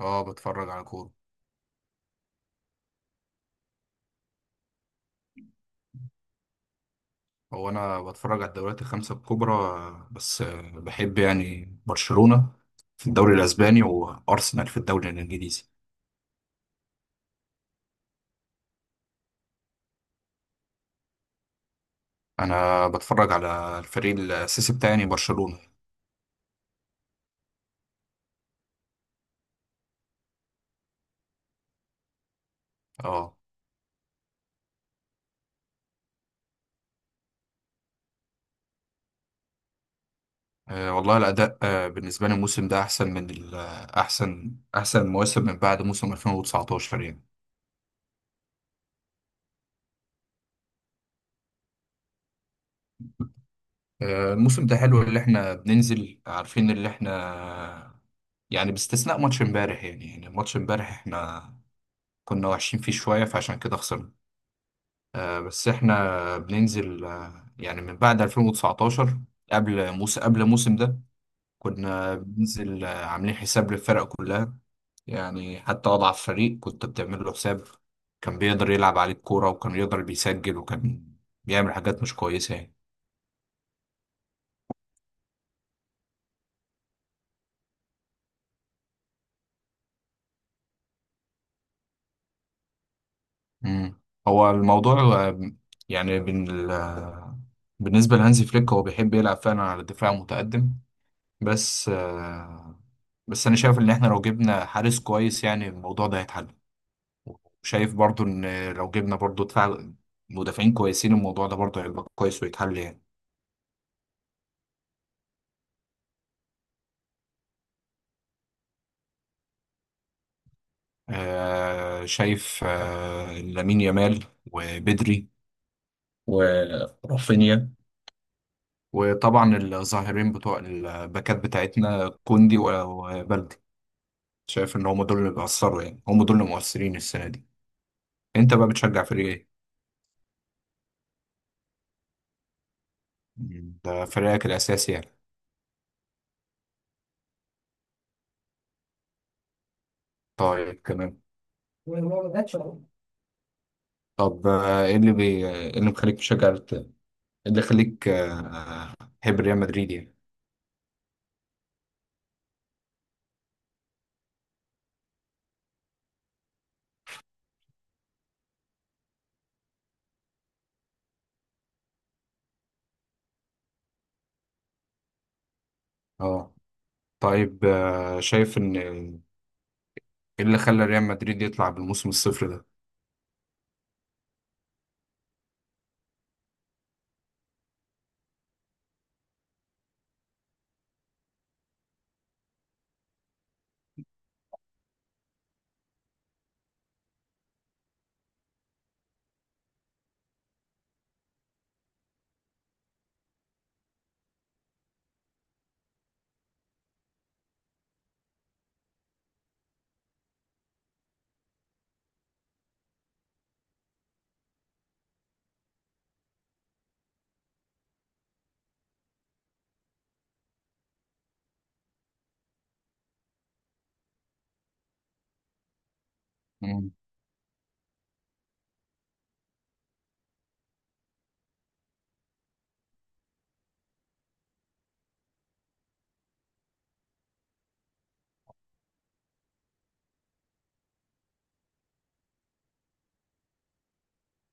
اه بتفرج على كورة. هو انا بتفرج على الدوريات 5 الكبرى، آه، بس آه، بحب يعني برشلونة في الدوري الاسباني وارسنال في الدوري الانجليزي. انا بتفرج على الفريق الاساسي بتاعي يعني برشلونة. اه. والله الاداء، بالنسبة لي الموسم ده احسن من احسن مواسم من بعد موسم 2019 يعني. الموسم ده حلو اللي احنا بننزل عارفين اللي احنا يعني، باستثناء ماتش امبارح يعني ماتش امبارح احنا كنا وحشين فيه شوية فعشان كده خسرنا. آه بس احنا بننزل آه يعني من بعد 2019، قبل الموسم ده كنا بننزل آه عاملين حساب للفرق كلها. يعني حتى أضعف فريق كنت بتعمل له حساب، كان بيقدر يلعب عليه الكورة وكان بيقدر بيسجل وكان بيعمل حاجات مش كويسة يعني. مم. هو الموضوع آه، يعني بن ال- آه، بالنسبة لهانزي فليك هو بيحب يلعب فعلا على الدفاع المتقدم. بس آه، بس انا شايف ان احنا لو جبنا حارس كويس يعني الموضوع ده هيتحل، وشايف برضو ان لو جبنا برضو مدافعين كويسين الموضوع ده برضو هيبقى كويس ويتحل يعني. شايف، لامين يامال وبدري ورافينيا، وطبعا الظاهرين بتوع الباكات بتاعتنا كوندي وبلدي. شايف ان هم دول اللي بيأثروا، يعني هم دول اللي مؤثرين السنة دي. انت بقى بتشجع فريق ايه؟ ده فريقك الأساسي يعني. طيب تمام. طب آه، ايه اللي مخليك تشجع الت- إيه اللي يخليك آه، تحب ريال مدريد يعني. اه. طيب، شايف ان، ايه اللي خلى ريال مدريد يطلع بالموسم الصفر ده. مم.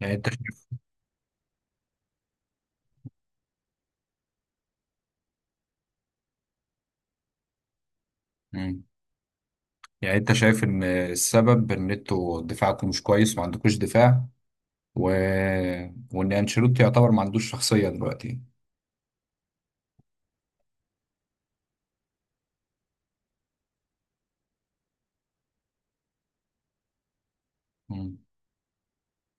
يعني انت شايف. مم. يعني انت شايف ان السبب ان انتوا دفاعكم مش كويس، ما عندكوش دفاع، و... وان انشيلوتي يعتبر ما عندوش شخصية دلوقتي. مم.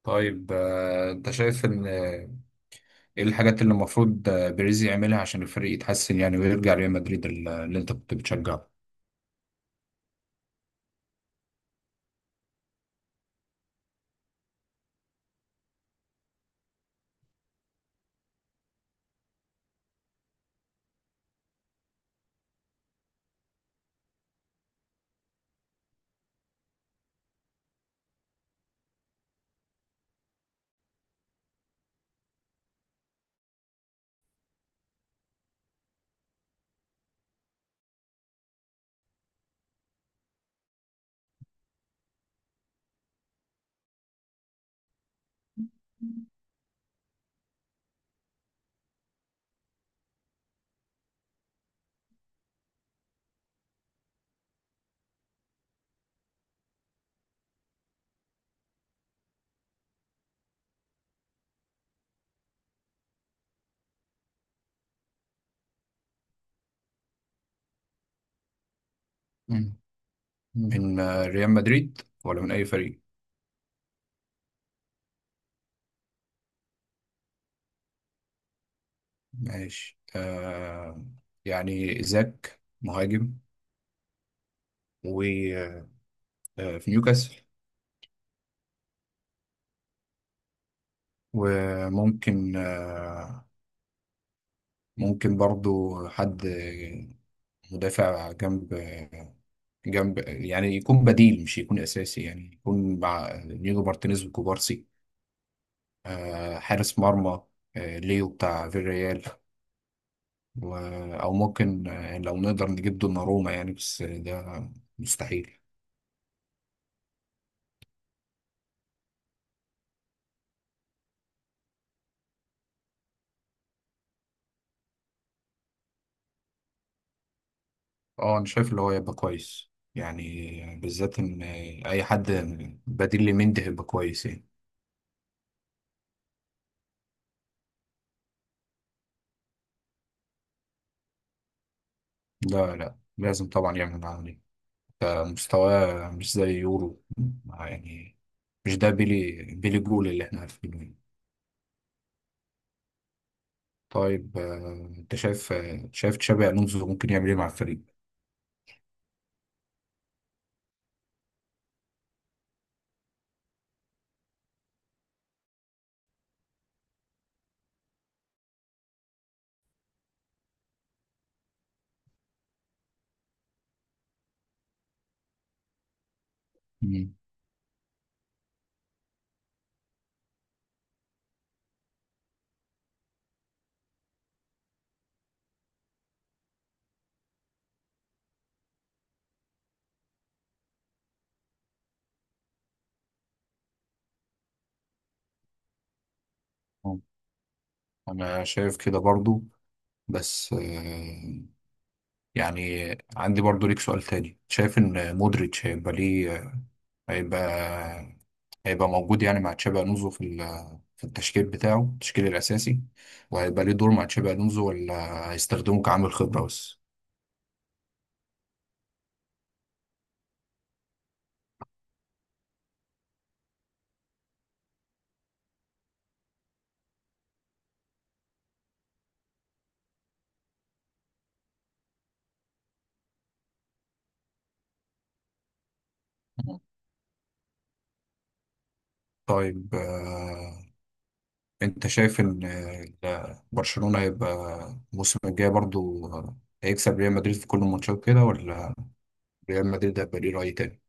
طيب، انت شايف ان، ايه الحاجات اللي المفروض بيريز يعملها عشان الفريق يتحسن يعني، ويرجع ريال مدريد اللي انت كنت بتشجعه. مم. من، ريال مدريد ولا من أي فريق؟ ماشي آه. يعني إيزاك مهاجم، وفي نيوكاسل. وممكن آه، ممكن برضو حد مدافع، جنب يعني يكون بديل مش يكون أساسي، يعني يكون مع نيجو مارتينيز وكوبارسي. آه حارس مرمى، آه ليو بتاع فيريال. و... او ممكن، لو نقدر نجيب دوناروما يعني، بس ده مستحيل. اه انا شايف اللي هو يبقى كويس يعني، بالذات ان اي حد بديل لمندي هيبقى كويس يعني. لا لازم طبعا يعمل معاه دي. مستواه مش زي يورو، يعني مش ده بيلي بيلي جول اللي احنا عارفينه يعني. طيب، انت شايف، شايف تشابي الونزو ممكن يعمل ايه مع الفريق. مم. انا شايف كده برضو، بس آه، يعني عندي برضو ليك سؤال تاني، شايف ان مودريتش هيبقى ليه، هيبقى هيبقى موجود يعني مع تشابي الونزو في التشكيل بتاعه التشكيل الاساسي، وهيبقى ليه دور مع تشابي الونزو ولا هيستخدمه كعامل خبرة بس. مم. طيب، انت شايف ان، برشلونة هيبقى الموسم الجاي برضو، هيكسب ريال مدريد في كل الماتشات كده، ولا ريال مدريد هيبقى ليه رأي تاني.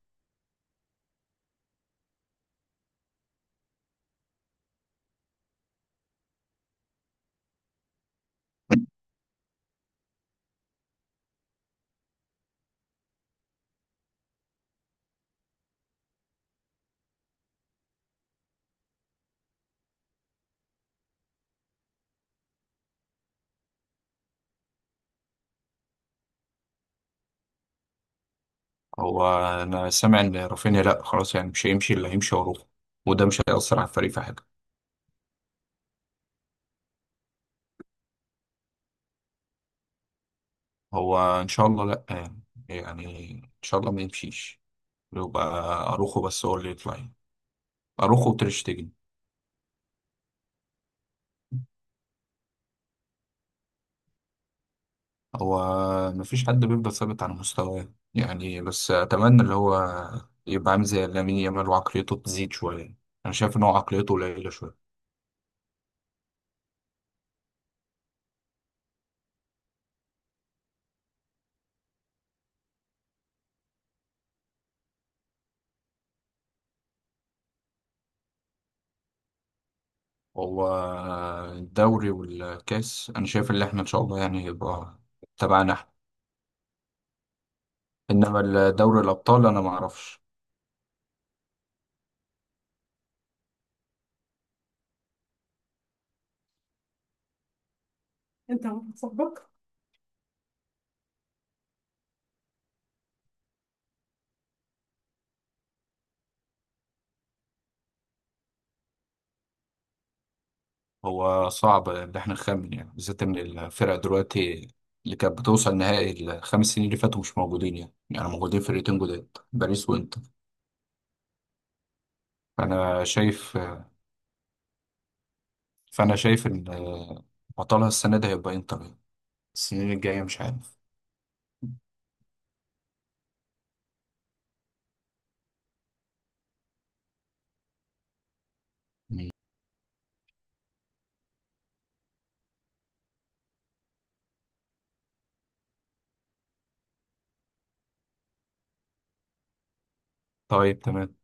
هو انا سامع ان رافينيا لا خلاص يعني مش هيمشي، اللي هيمشي وروح، وده مش هيأثر على الفريق في حاجه. هو ان شاء الله لا يعني، يعني ان شاء الله ما يمشيش، يبقى اروخو بس هو اللي يطلع يعني. اروخو وتريشتجن. هو ما فيش حد بيفضل ثابت على مستواه يعني، بس اتمنى اللي هو يبقى عامل زي لامين يامال وعقليته تزيد شويه. انا شايف ان هو عقليته قليله شويه. هو الدوري والكاس انا شايف ان احنا ان شاء الله يعني يبقى تبعنا احنا. انما دوري الابطال انا ما اعرفش. انت واحد صاحبك. هو صعب ان احنا نخمن يعني، بالذات ان الفرق دلوقتي اللي كانت بتوصل نهائي 5 سنين اللي فاتوا مش موجودين، يعني موجودين فرقتين جداد باريس وانتر. فانا شايف فانا شايف ان بطلها السنه دي هيبقى انتر يعني. السنين الجايه مش عارف. مم. طيب تمام.